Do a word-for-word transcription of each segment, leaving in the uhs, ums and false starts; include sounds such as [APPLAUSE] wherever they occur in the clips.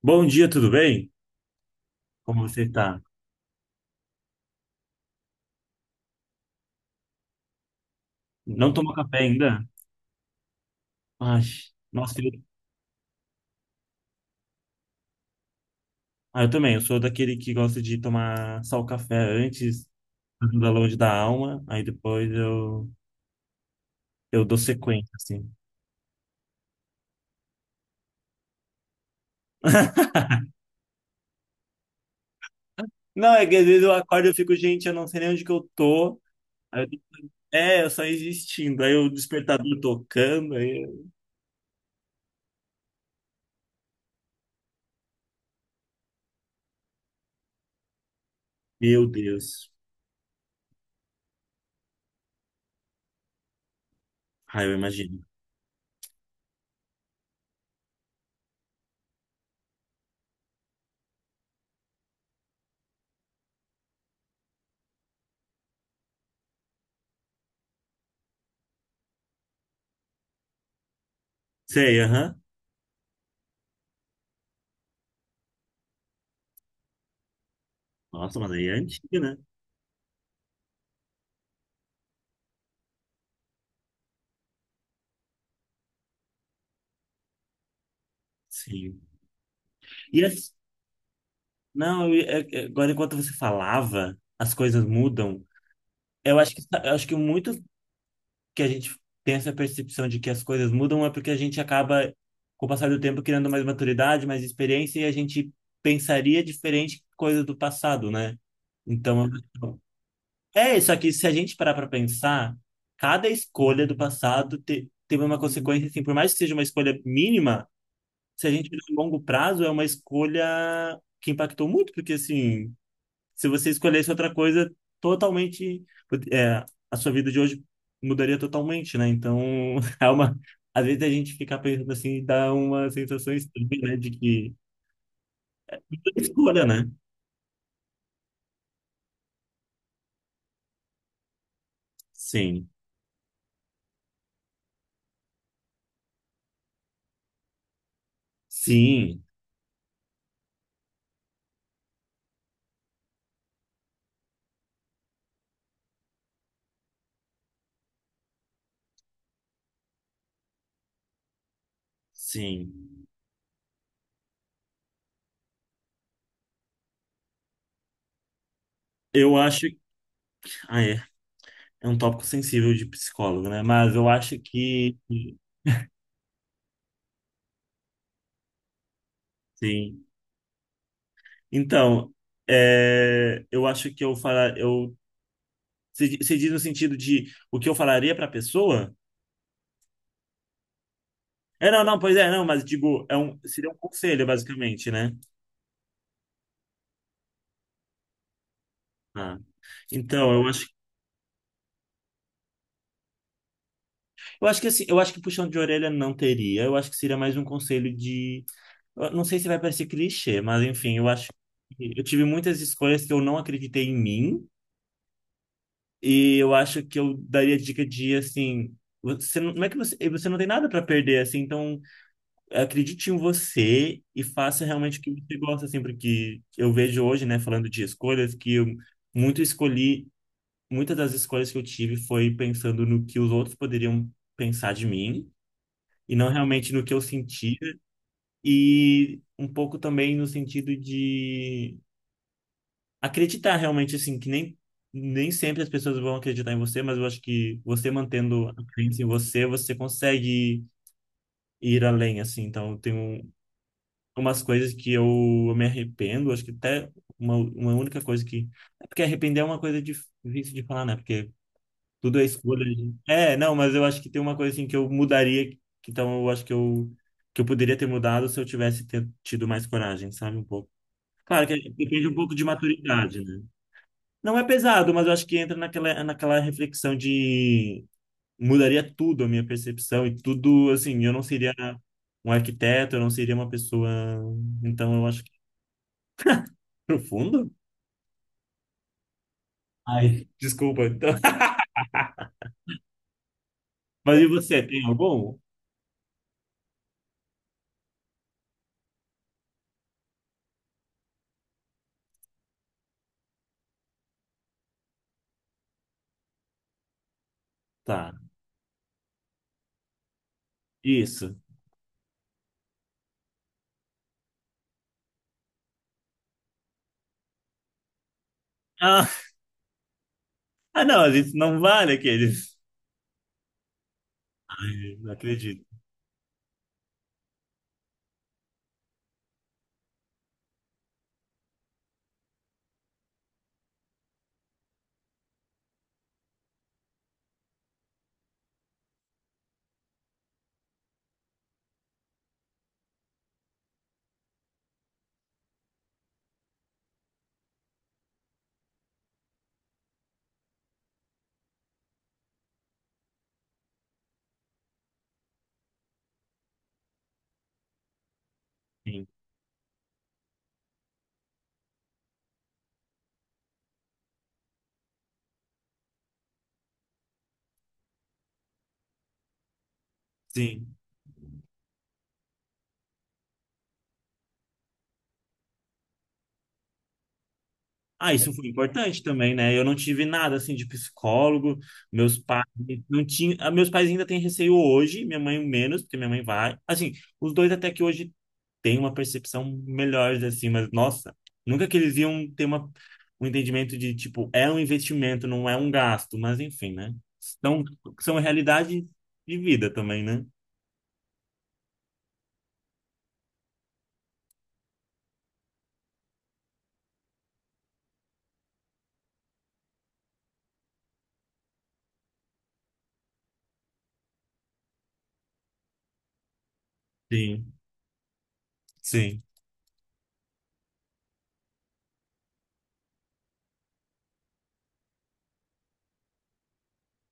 Bom dia, tudo bem? Como você está? Não tomou café ainda? Ai, nossa, eu, ah, eu também. Eu sou daquele que gosta de tomar só o café antes, da longe da alma, aí depois eu, eu dou sequência, assim. Não, é que às vezes eu acordo e eu fico, gente, eu não sei nem onde que eu tô. Aí eu, tô- é, eu só existindo. Aí o despertador tocando, aí eu- Meu Deus. Ai, eu imagino. Sei, aham. Nossa, mas aí é antiga, né? Sim. E assim. Não, e- é- é- agora enquanto você falava, as coisas mudam. Eu acho que, eu acho que muito que a gente tem essa percepção de que as coisas mudam é porque a gente acaba, com o passar do tempo, criando mais maturidade, mais experiência, e a gente pensaria diferente coisas do passado, né? Então, é isso aqui. Se a gente parar para pensar, cada escolha do passado te- teve uma consequência, assim, por mais que seja uma escolha mínima, se a gente olhar a longo prazo, é uma escolha que impactou muito, porque assim se você escolhesse outra coisa, totalmente, é, a sua vida de hoje mudaria totalmente, né? Então, [LAUGHS] é uma, às vezes a gente fica pensando assim, dá uma sensação estranha, né? De que tudo é escolha, né? Sim, sim, sim. Eu acho, ah, é, é um tópico sensível de psicólogo, né? Mas eu acho que, sim. Então, é, eu acho que eu falar, eu, você di- você diz no sentido de o que eu falaria para a pessoa? É, não, não, pois é, não, mas digo, é um, seria um conselho, basicamente, né? Ah. Então, eu acho, eu acho que assim, eu acho que puxão de orelha não teria, eu acho que seria mais um conselho de, eu não sei se vai parecer clichê, mas enfim, eu acho que eu tive muitas escolhas que eu não acreditei em mim, e eu acho que eu daria dica de assim, você não, não é que você, você não tem nada para perder assim, então acredite em você e faça realmente o que você gosta assim, porque eu vejo hoje, né, falando de escolhas que eu muito escolhi muitas das escolhas que eu tive foi pensando no que os outros poderiam pensar de mim e não realmente no que eu sentia e um pouco também no sentido de acreditar realmente assim que nem nem sempre as pessoas vão acreditar em você, mas eu acho que você mantendo a crença em você, você consegue ir além assim. Então, tem um, umas coisas que eu, eu me arrependo, acho que até uma, uma única coisa que é porque arrepender é uma coisa difícil de falar, né? Porque tudo é escolha, gente. É, não, mas eu acho que tem uma coisa assim que eu mudaria, que- então eu acho que eu que eu poderia ter mudado se eu tivesse ter- tido mais coragem, sabe, um pouco. Claro que depende um pouco de maturidade, né? Não é pesado, mas eu acho que entra naquela naquela reflexão de mudaria tudo a minha percepção e tudo, assim, eu não seria um arquiteto, eu não seria uma pessoa, então eu acho que [LAUGHS] profundo. Ai, desculpa. Então. [LAUGHS] Mas e você, tem algum? Tá. Isso. Ah, ah, não, mas isso não vale aqueles. Ai, não acredito. Sim, sim. Ah, isso foi importante também, né? Eu não tive nada assim de psicólogo. Meus pais não tinham. Ah, meus pais ainda têm receio hoje, minha mãe menos, porque minha mãe vai. Assim, os dois até que hoje têm uma percepção melhor, assim, mas nossa, nunca que eles iam ter uma... um entendimento de tipo, é um investimento, não é um gasto, mas enfim, né? São, são realidade de vida também, né? Sim, sim.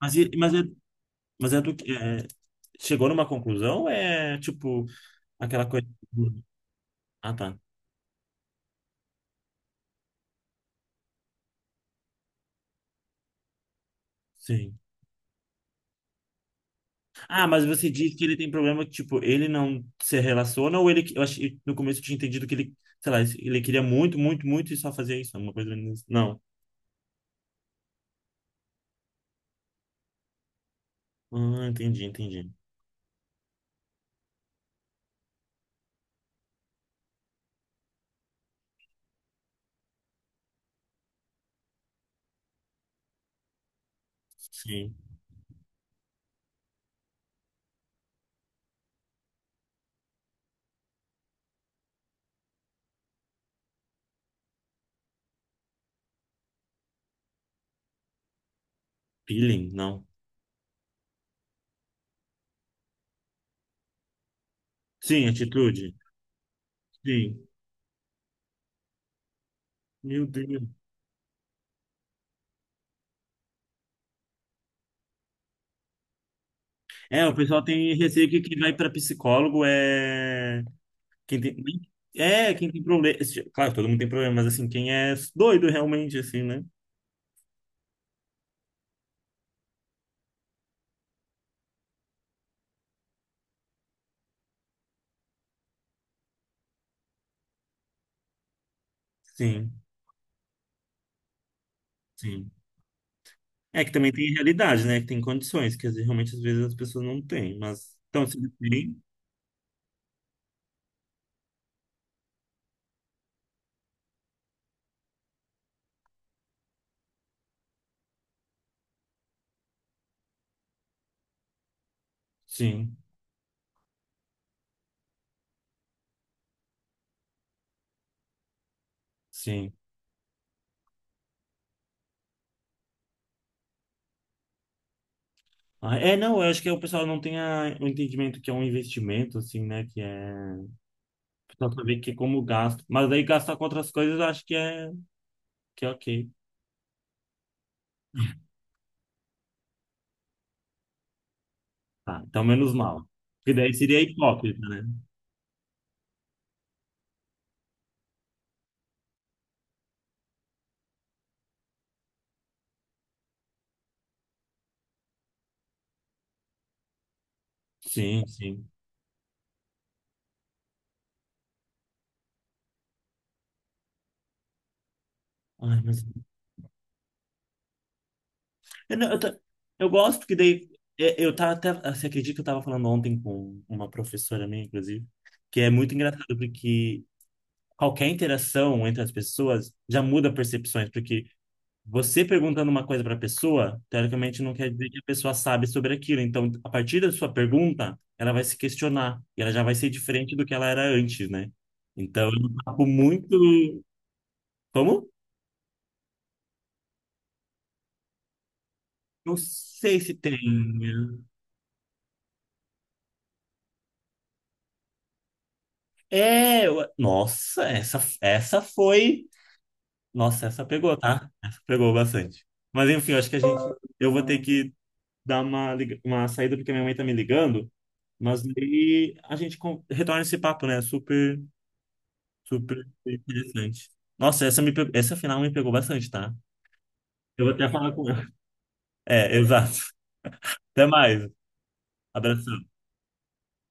Mas, e- mas é Mas é do que. É- chegou numa conclusão? Ou é tipo aquela coisa. Ah, tá. Sim. Ah, mas você diz que ele tem problema que, tipo, ele não se relaciona ou ele. Eu achei, no começo eu tinha entendido que ele, sei lá, ele queria muito, muito, muito e só fazia isso. Uma coisa. Não. Ah, entendi, entendi. Sim. Peeling, não. Sim, atitude. Sim. Meu Deus. É, o pessoal tem receio que quem vai pra psicólogo é. Quem tem, é, quem tem problema. Claro, todo mundo tem problema, mas assim, quem é doido realmente, assim, né? Sim, sim. É que também tem realidade, né? Que tem condições, que às vezes, realmente às vezes as pessoas não têm, mas. Então, se tem, sim, sim. Ah, é, não, eu acho que o pessoal não tem a- o entendimento que é um investimento, assim, né? Que é. Só saber que é como gasto. Mas daí gastar com outras coisas eu acho que é, que é ok. Tá, então menos mal. Porque daí seria hipócrita, né? Sim, sim. Ai, mas. Eu, não- eu, ta- eu gosto porque daí é, eu tava até, você acredita que eu tava falando ontem com uma professora minha, inclusive, que é muito engraçado porque qualquer interação entre as pessoas já muda percepções, porque você perguntando uma coisa para pessoa, teoricamente não quer dizer que a pessoa sabe sobre aquilo. Então, a partir da sua pergunta, ela vai se questionar e ela já vai ser diferente do que ela era antes, né? Então, é um papo muito. Como? Não sei se tem. Né? É, eu- nossa, essa, essa foi. Nossa, essa pegou, tá? Essa pegou bastante. Mas enfim, eu acho que a gente. Eu vou ter que dar uma, liga- uma saída porque minha mãe tá me ligando. Mas daí a gente con- retorna esse papo, né? Super, super interessante. Nossa, essa, me, pe- essa final me pegou bastante, tá? Eu vou até falar com ela. É, exato. Até mais. Abração.